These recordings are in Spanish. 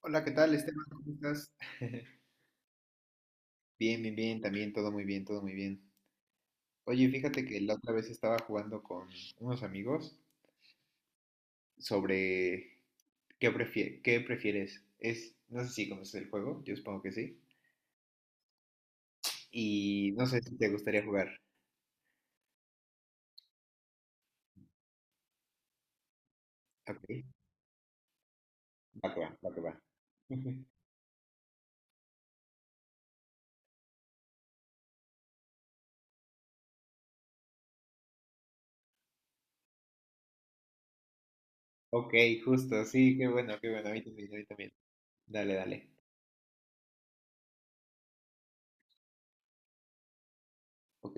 Hola, ¿qué tal, Esteban? ¿Cómo estás? Bien, bien, bien, también todo muy bien, todo muy bien. Oye, fíjate que la otra vez estaba jugando con unos amigos sobre qué prefieres. No sé si conoces el juego, yo supongo que sí. Y no sé si te gustaría jugar. Ok, va que va, va que va. Ok, justo, sí, qué bueno, a mí también, a mí también. Dale, dale. Ok.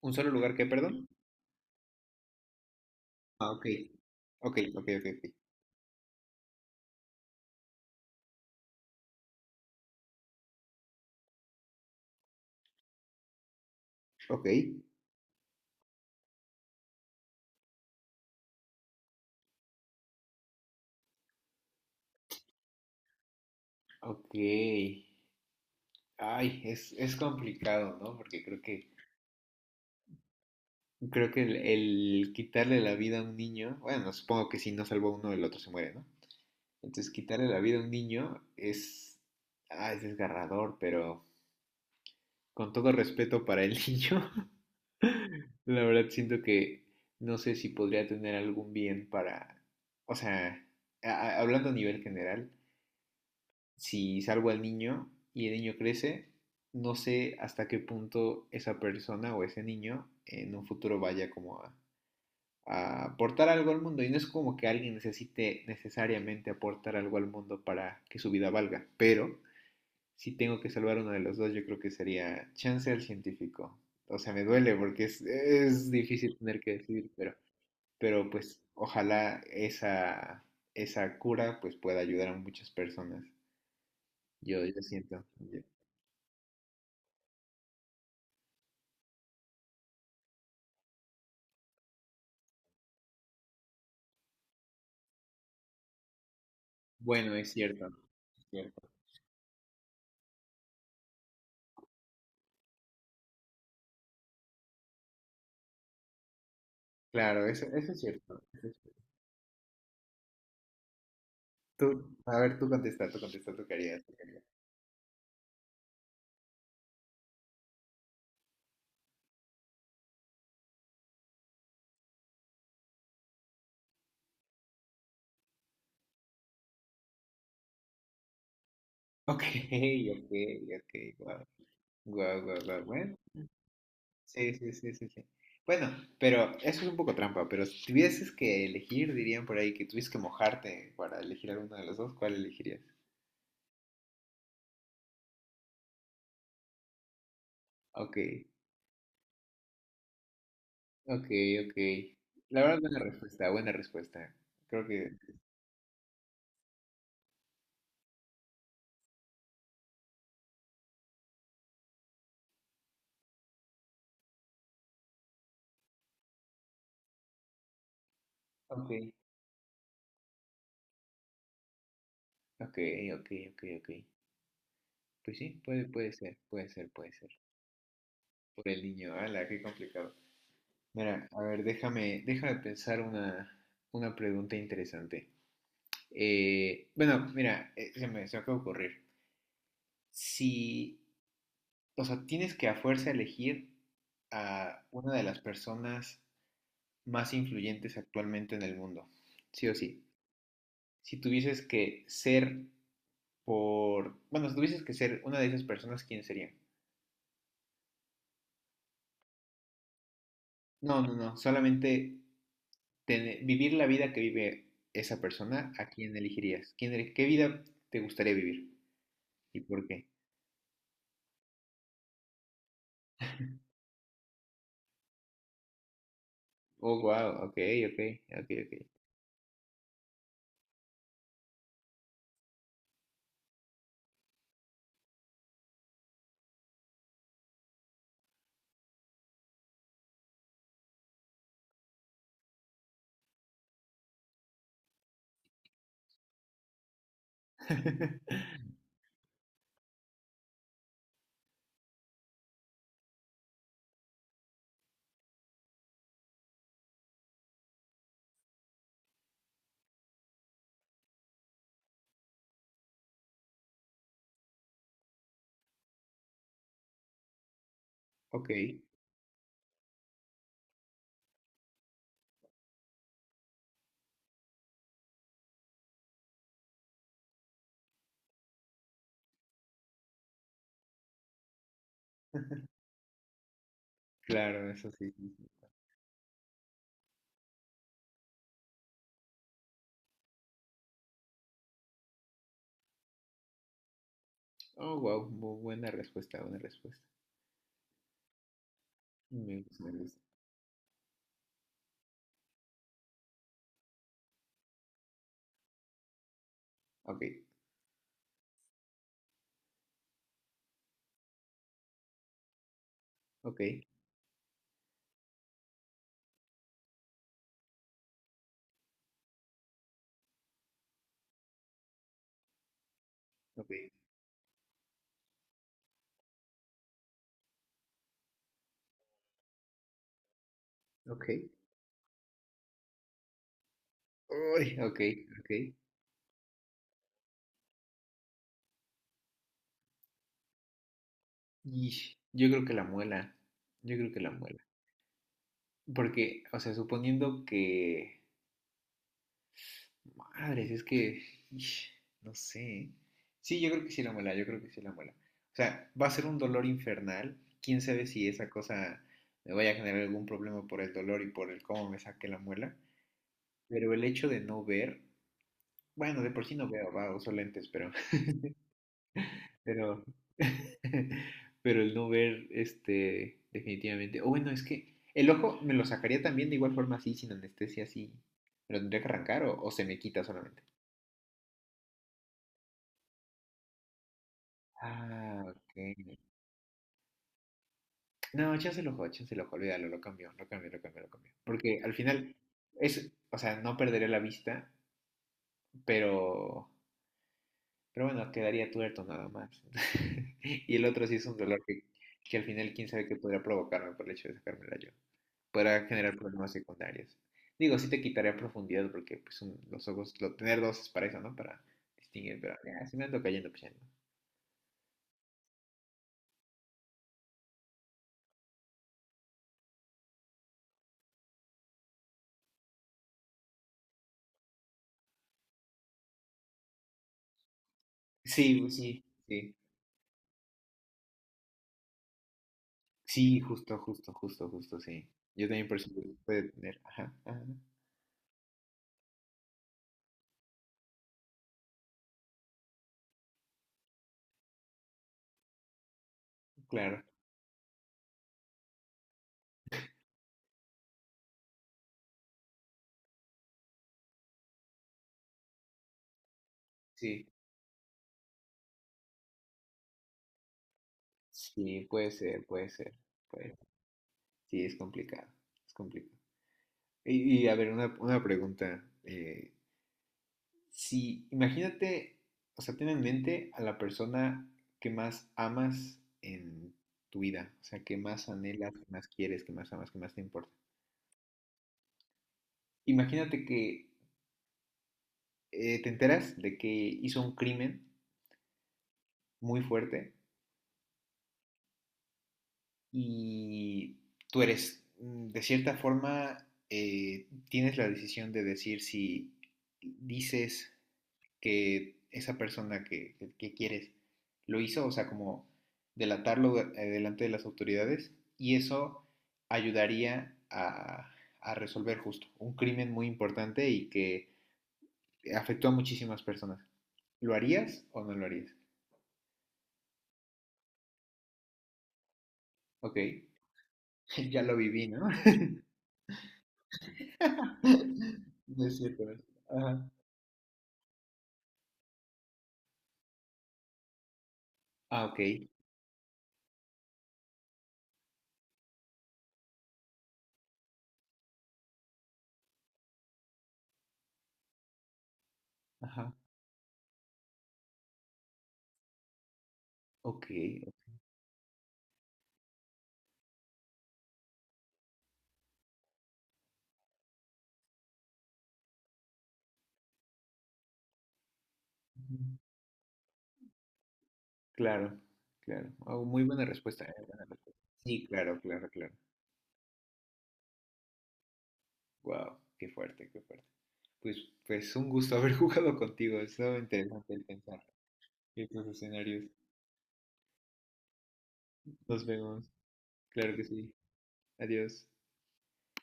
¿Un solo lugar qué, perdón? Ah, ok. Ok, ok, ok, ok. Ok, ok. Ay, es complicado, ¿no? Porque creo que el quitarle la vida a un niño, bueno, supongo que si no salvó uno, el otro se muere, ¿no? Entonces, quitarle la vida a un niño es desgarrador, pero con todo respeto para el niño, la verdad siento que no sé si podría tener algún bien para, o sea, hablando a nivel general, si salvo al niño y el niño crece, no sé hasta qué punto esa persona o ese niño en un futuro vaya como a, aportar algo al mundo. Y no es como que alguien necesite necesariamente aportar algo al mundo para que su vida valga, pero si tengo que salvar uno de los dos, yo creo que sería chance al científico. O sea, me duele porque es difícil tener que decidir, pero pues ojalá esa cura pues pueda ayudar a muchas personas. Yo siento. Bueno, es cierto, es cierto. Claro, eso es cierto. Eso es cierto. Tú, a ver, tú contesta, tú contesta, tú querías, tú querías. Ok, ok, ok, guau, guau, guau, guau, bueno, sí, sí, sí, sí, sí. Bueno, pero eso es un poco trampa, pero si tuvieses que elegir, dirían por ahí que tuvieses que mojarte para elegir alguno de los dos, ¿cuál elegirías? Ok, ok, ok. La verdad, buena respuesta, buena respuesta. Creo que... Ok, ok, ok, ok, ok. Pues sí, puede ser, puede ser, puede ser. Por el niño, ala, qué complicado. Mira, a ver, déjame pensar una pregunta interesante. Bueno, mira, se me acaba de ocurrir. Si, o sea, tienes que a fuerza elegir a una de las personas más influyentes actualmente en el mundo, sí o sí. Si tuvieses que ser por, bueno, si tuvieses que ser una de esas personas, ¿quién sería? No, no, no, solamente vivir la vida que vive esa persona, ¿a quién elegirías? ¿Qué vida te gustaría vivir? ¿Y por qué? Oh, wow, ok, ok, ok, ok. Ok, claro, eso sí. Sí, sí. Oh, wow, buena respuesta, buena respuesta. Me gusta, me gusta. Ok, ok, ok, ok. Uy, ok, ok. Ish, yo creo que la muela, yo creo que la muela. Porque, o sea, suponiendo que madres, es que... ish, No sé. Sí, yo creo que sí la muela, yo creo que sí la muela. O sea, va a ser un dolor infernal. Quién sabe si esa cosa me vaya a generar algún problema por el dolor y por el cómo me saque la muela. Pero el hecho de no ver, bueno, de por sí no veo, va, uso lentes, pero, pero, pero el no ver, este, definitivamente. O bueno, es que el ojo me lo sacaría también de igual forma así, sin anestesia, así. ¿Me lo tendría que arrancar o se me quita solamente? Ah, ok. No, échase el ojo, olvídalo, lo cambió, lo cambió, lo cambió, lo cambió. Porque al final es, o sea, no perderé la vista, pero, pero bueno, quedaría tuerto nada más. Y el otro sí es un dolor que al final quién sabe qué podría provocarme por el hecho de sacármela yo. Podrá generar problemas secundarios. Digo, sí te quitaría profundidad porque pues los ojos, tener dos es para eso, ¿no? Para distinguir, pero ya, si me ando cayendo, pues ya no. Sí, pues sí, sí. Sí, justo, justo, justo, justo, sí. Yo también percibo que puede tener. Ajá, ajá, claro, sí. Sí, puede ser, puede ser, puede ser. Sí, es complicado, es complicado. A ver, una pregunta. Si, Imagínate, o sea, ten en mente a la persona que más amas en tu vida, o sea, que más anhelas, que más quieres, que más amas, que más te importa. Imagínate que te enteras de que hizo un crimen muy fuerte y tú eres, de cierta forma, tienes la decisión de decir si dices que esa persona que quieres lo hizo, o sea, como delatarlo delante de las autoridades, y eso ayudaría a, resolver justo un crimen muy importante y que afectó a muchísimas personas. ¿Lo harías o no lo harías? Ok, ya lo viví, ¿no? No es cierto, ¿no? Ajá. Ah, ok. Ajá. Ok. Ujú. Claro, claro. Ah, muy buena respuesta, buena respuesta. Sí, claro, claro, claro. Wow, qué fuerte, qué fuerte. Pues, pues un gusto haber jugado contigo. Estaba interesante el pensar estos escenarios. Nos vemos. Claro que sí. Adiós.